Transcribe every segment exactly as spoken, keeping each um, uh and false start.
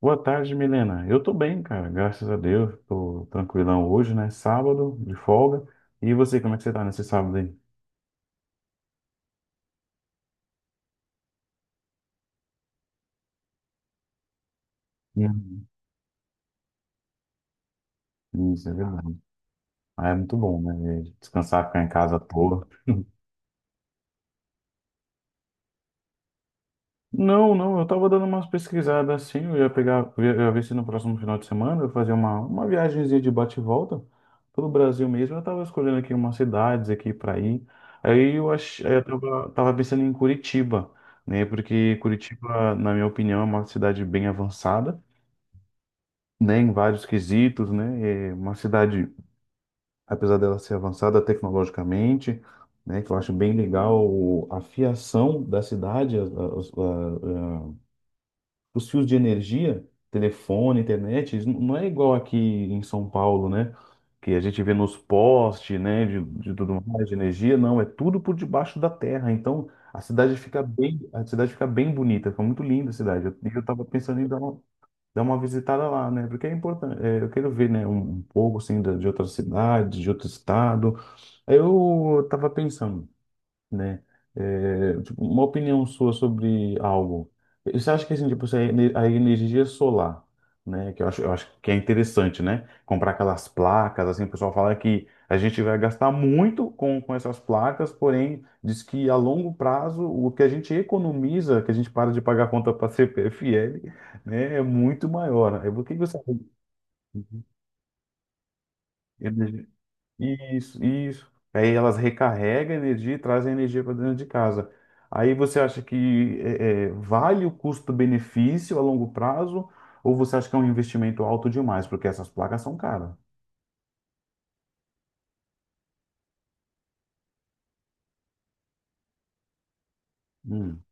Boa tarde, Milena. Eu tô bem, cara, graças a Deus. Tô tranquilão hoje, né? Sábado, de folga. E você, como é que você tá nesse sábado aí? Hum. Isso, é verdade. Ah, é muito bom, né? Descansar, ficar em casa à toa. Não, não, eu tava dando umas pesquisadas assim, eu ia pegar, eu ia eu ia ver se no próximo final de semana eu fazia uma, uma viagemzinha de bate e volta pelo Brasil mesmo. Eu tava escolhendo aqui umas cidades aqui para ir. Aí eu ach, aí eu tava, tava pensando em Curitiba, né? Porque Curitiba, na minha opinião, é uma cidade bem avançada, né? Em vários quesitos, né? É uma cidade, apesar dela ser avançada tecnologicamente, né? Que eu acho bem legal a fiação da cidade, as, as, os fios de energia, telefone, internet, isso não é igual aqui em São Paulo, né? Que a gente vê nos postes, né, de, de tudo mais, de energia, não, é tudo por debaixo da terra. Então, a cidade fica bem, a cidade fica bem bonita, fica muito linda a cidade. Eu, eu tava pensando em dar uma, dar uma visitada lá, né? Porque é importante, é, eu quero ver, né, um, um pouco assim da- de outra cidade, de outro estado. Aí eu tava pensando, né? É, tipo, uma opinião sua sobre algo. Você acha que assim, tipo, se a ene- a energia solar, né? Que eu acho, eu acho que é interessante, né? Comprar aquelas placas, assim, o pessoal fala que a gente vai gastar muito com, com essas placas, porém, diz que a longo prazo o que a gente economiza, que a gente para de pagar a conta para C P F L, né, é muito maior. Aí, o que que você acha? Isso, isso. Aí elas recarregam a energia e trazem a energia para dentro de casa. Aí você acha que é, é, vale o custo-benefício a longo prazo ou você acha que é um investimento alto demais? Porque essas placas são caras. Hum,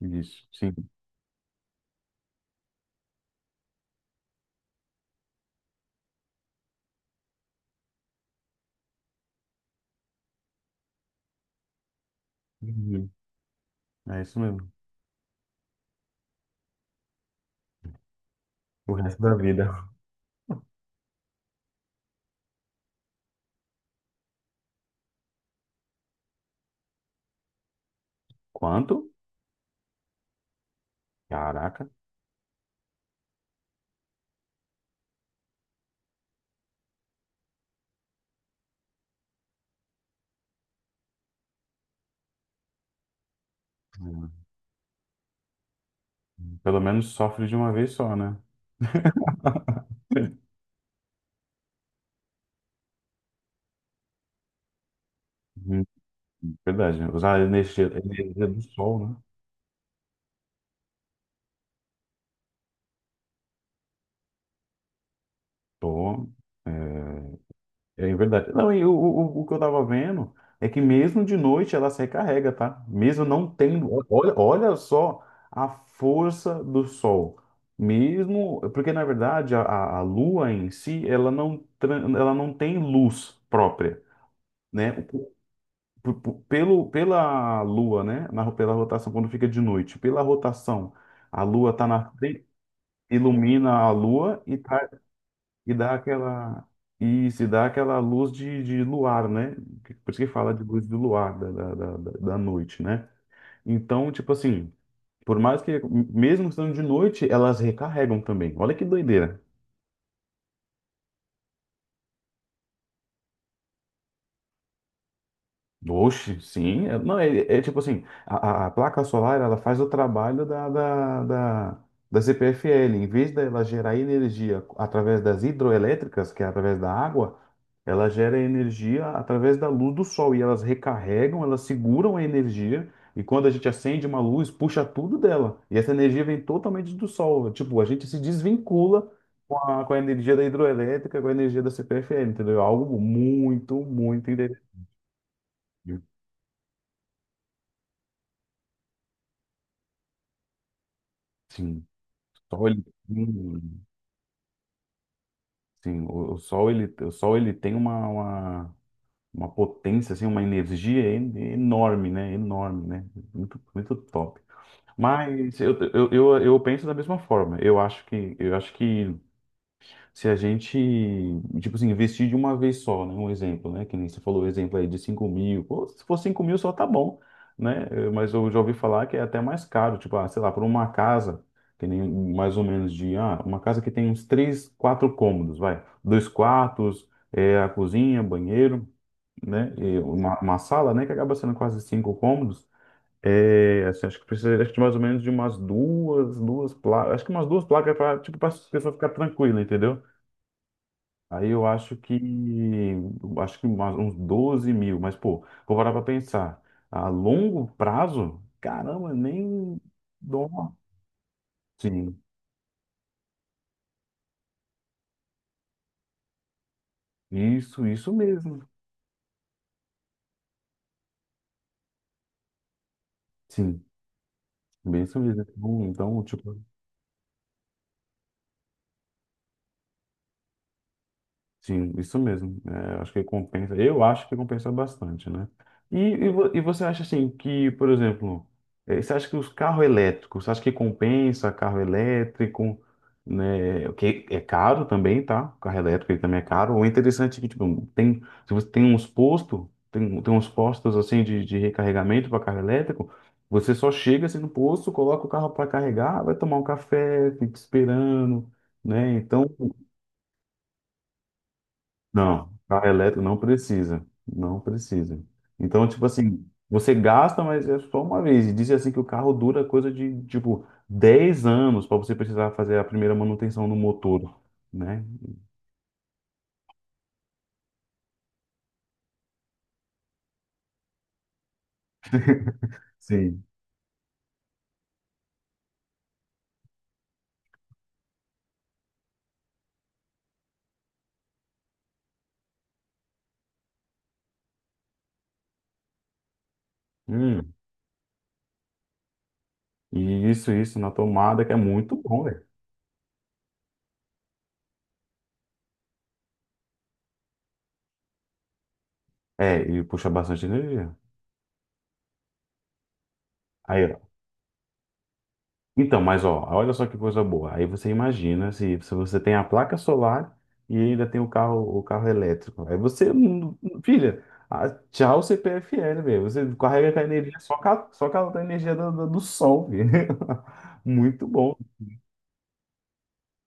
isso, sim. Uhum. É isso mesmo. O resto da vida. Quanto? Caraca. Hum, Pelo menos sofre de uma vez só, né? Uhum. Verdade. Usar a energia, a energia do sol, né? Tô. é, É verdade. Não, e o, o, o que eu tava vendo é que mesmo de noite ela se recarrega, tá? Mesmo não tendo. Olha, olha só a força do sol. Mesmo. Porque, na verdade, a, a a lua em si, ela não, tran- ela não tem luz própria, né? P- p- Pelo, pela lua, né? Na, pela rotação, quando fica de noite, pela rotação, a lua tá na frente, ilumina a lua e tá e dá aquela. Isso, e dá aquela luz de, de luar, né? Por isso que fala de luz do luar, da, da, da, da- da noite, né? Então, tipo assim, por mais que, mesmo estando de noite, elas recarregam também. Olha que doideira. Oxe, sim. É- Não, é, é é tipo assim, a, a- a placa solar, ela faz o trabalho da, da, da, da C P F L. Em vez dela gerar energia através das hidroelétricas, que é através da água, ela gera energia através da luz do sol. E elas recarregam, elas seguram a energia. E quando a gente acende uma luz, puxa tudo dela. E essa energia vem totalmente do sol. Tipo, a gente se desvincula com a, com a energia da hidroelétrica, com a energia da C P F L, entendeu? É algo muito, muito interessante. Sim. sol, ele, tem- sim, o, o sol ele, o sol ele tem uma, uma, uma potência assim, uma energia en- enorme, né? Enorme, né? Muito, muito top. Mas eu, eu, eu, eu penso da mesma forma. Eu acho que eu acho que se a gente, tipo assim, investir de uma vez só, né? Um exemplo, né? Que nem você falou o exemplo aí de cinco mil. Pô, se for cinco mil só tá bom, né? Eh, Mas eu já ouvi falar que é até mais caro. Tipo, ah, sei lá, por uma casa, que nem mais ou menos de... Ah, uma casa que tem uns três, quatro cômodos, vai. Dois quartos, eh, a cozinha, banheiro, né? E uma, uma sala, né? Que acaba sendo quase cinco cômodos. É, assim, acho que precisaria de mais ou menos de umas duas, duas placas, acho que umas duas placas para tipo, para a pessoa ficar tranquila, entendeu? Aí eu acho que acho que umas- uns doze mil, mas pô, vou parar pra pensar. A longo prazo, caramba, nem dó. Sim, isso, isso mesmo. Sim, bem isso mesmo. Então, então, tipo, sim, isso mesmo. É, acho que compensa. Eu acho que compensa bastante, né? E, e, vo- e você acha assim que, por exemplo, eh, você acha que os carros elétricos, você acha que compensa carro elétrico, né? O que é caro também, tá? Carro elétrico ele também é caro. O interessante é que, tipo, tem, se você tem uns postos, tem, tem uns postos assim de, de recarregamento para carro elétrico, você só chega assim no posto, coloca o carro para carregar, vai tomar um café, fica esperando, né? Então. Não, carro elétrico não precisa, não precisa. Então, tipo assim, você gasta, mas é só uma vez. E dizem assim que o carro dura coisa de, tipo, dez anos para você precisar fazer a primeira manutenção no motor, né? Sim. Hum, e isso, isso na tomada que é muito bom, velho. É, e puxa bastante energia. Aí, ó, então, mas ó, olha só que coisa boa. Aí você imagina se, se você tem a placa solar e ainda tem o carro, o carro elétrico. Aí você, hum, filha, ah, tchau C P F L, velho. Você carrega com a energia, só com a, só com a energia do, do, do sol, velho. Muito bom,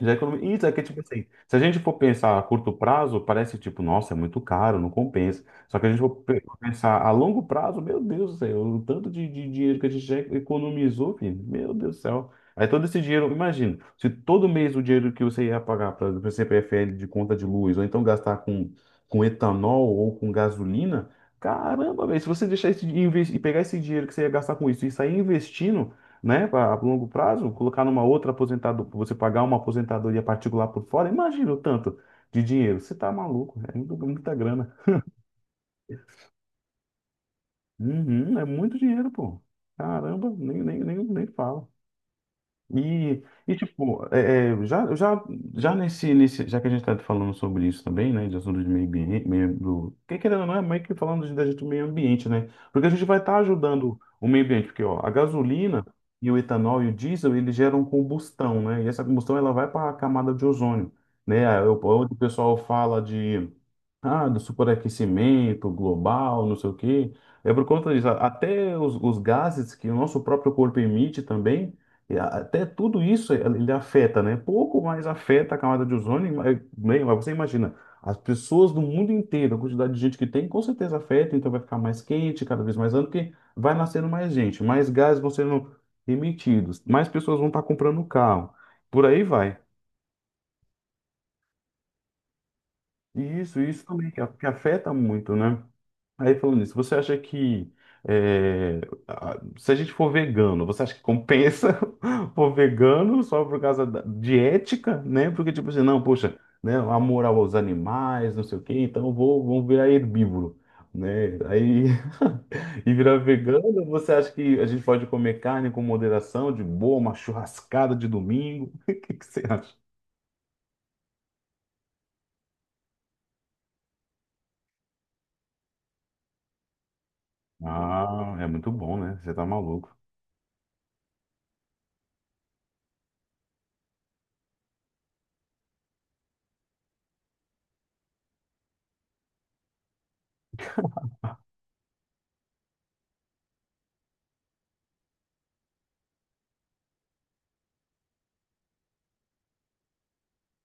já economi- isso é que, tipo assim, se a gente for pensar a curto prazo, parece tipo, nossa, é muito caro, não compensa. Só que a gente for pe- pensar a longo prazo, meu Deus do céu, o tanto de, de dinheiro que a gente já economizou, filho, meu Deus do céu. Aí todo esse dinheiro, imagina, se todo mês o dinheiro que você ia pagar para o C P F L de conta de luz, ou então gastar com, com, etanol ou com gasolina, caramba, velho, se você deixar esse, inves- e pegar esse dinheiro que você ia gastar com isso e sair investindo, né, pra- a longo prazo, colocar numa outra aposentadoria, você pagar uma aposentadoria particular por fora, imagina o tanto de dinheiro. Você tá maluco, é muito- muita grana. Uhum, é muito dinheiro, pô. Caramba, nem, nem, nem, nem fala. E, e tipo, é, é, já, já, já nesse, nesse, já que a gente está falando sobre isso também, né, de assunto de meio ambiente, meio, do, que querendo ou não, é meio que falando de, de meio ambiente, né, porque a gente vai estar ajudando o meio ambiente, porque, ó, a gasolina e o etanol e o diesel, eles geram combustão, né, e essa combustão, ela vai para a camada de ozônio, né, É, onde o o pessoal fala de ah, do superaquecimento global, não sei o quê. É por conta disso. a- Até os, os gases que o nosso próprio corpo emite também, e a- até tudo isso ele ele afeta, né? Pouco mais afeta a camada de ozônio, mas bem, mas você imagina, as pessoas do mundo inteiro, a quantidade de gente que tem, com certeza afeta, então vai ficar mais quente, cada vez mais ano, porque vai nascendo mais gente, mais gases vão sendo emitidos, mais pessoas vão estar comprando carro, por aí vai. E isso, isso também que a- que afeta muito, né? Aí falando nisso, você acha que é, a- se a gente for vegano, você acha que compensa for vegano só por causa da- de ética, né? Porque tipo assim, não, poxa, né, amor aos animais, não sei o quê, então eu vou, vou virar herbívoro, né? Aí e virar vegano, você acha que a gente pode comer carne com moderação, de boa, uma churrascada de domingo? O que que você acha? Ah, é muito bom, né? Você tá maluco.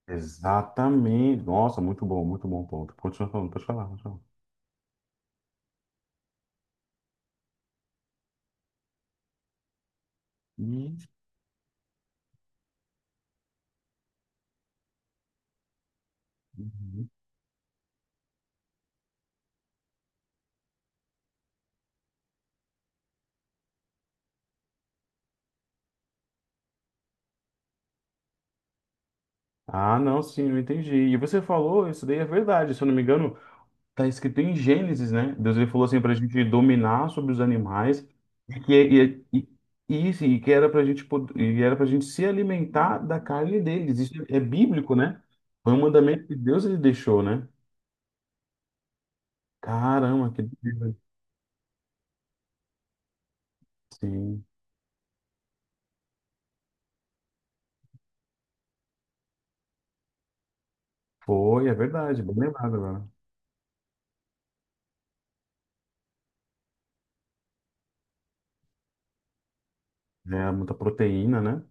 Exatamente. Nossa, muito bom, muito bom ponto. Continua falando, pode falar, pode falar. Uhum. Uhum. Ah, não, sim, eu entendi. E você falou, isso daí é verdade. Se eu não me engano, tá escrito em Gênesis, né? Deus ele falou assim pra gente dominar sobre os animais e que e, e, e, isso, e que era pra gente pod- e era pra gente se alimentar da carne deles. Isso é bíblico, né? Foi um mandamento que Deus ele deixou, né? Caramba, que doideira. Sim. Foi, é verdade, bem lembrado agora. É muita proteína, né?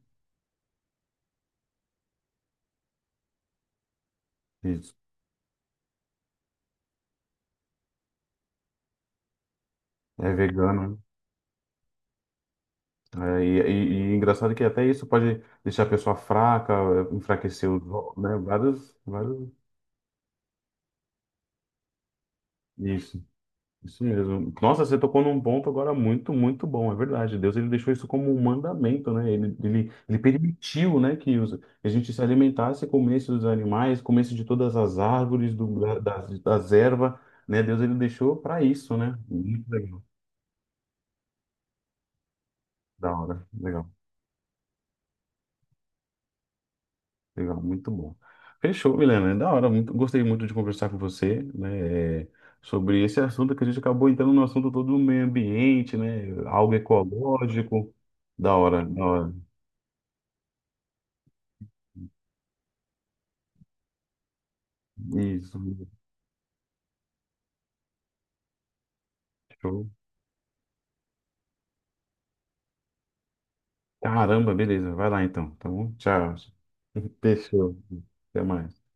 É vegano. Né? É, e, e- e engraçado que até isso pode deixar a pessoa fraca, enfraquecer os, ó- né? Vários, vários. Isso, isso mesmo. Nossa, você tocou num ponto agora muito, muito bom, é verdade. Deus ele deixou isso como um mandamento, né? Ele, ele, ele permitiu, né, que os, a gente se alimentasse, comesse dos animais, comesse de todas as árvores, do, da- das, das ervas, né? Deus ele deixou para isso, né? Muito legal. Da hora, legal. Legal, muito bom. Fechou, Milena. É da hora. Muito, gostei muito de conversar com você, né, é, sobre esse assunto que a gente acabou entrando no assunto todo do meio ambiente, né? Algo ecológico. Da hora, da hora. Isso, show. Caramba, beleza. Vai lá então, tá bom? Tchau. Fechou. Até mais.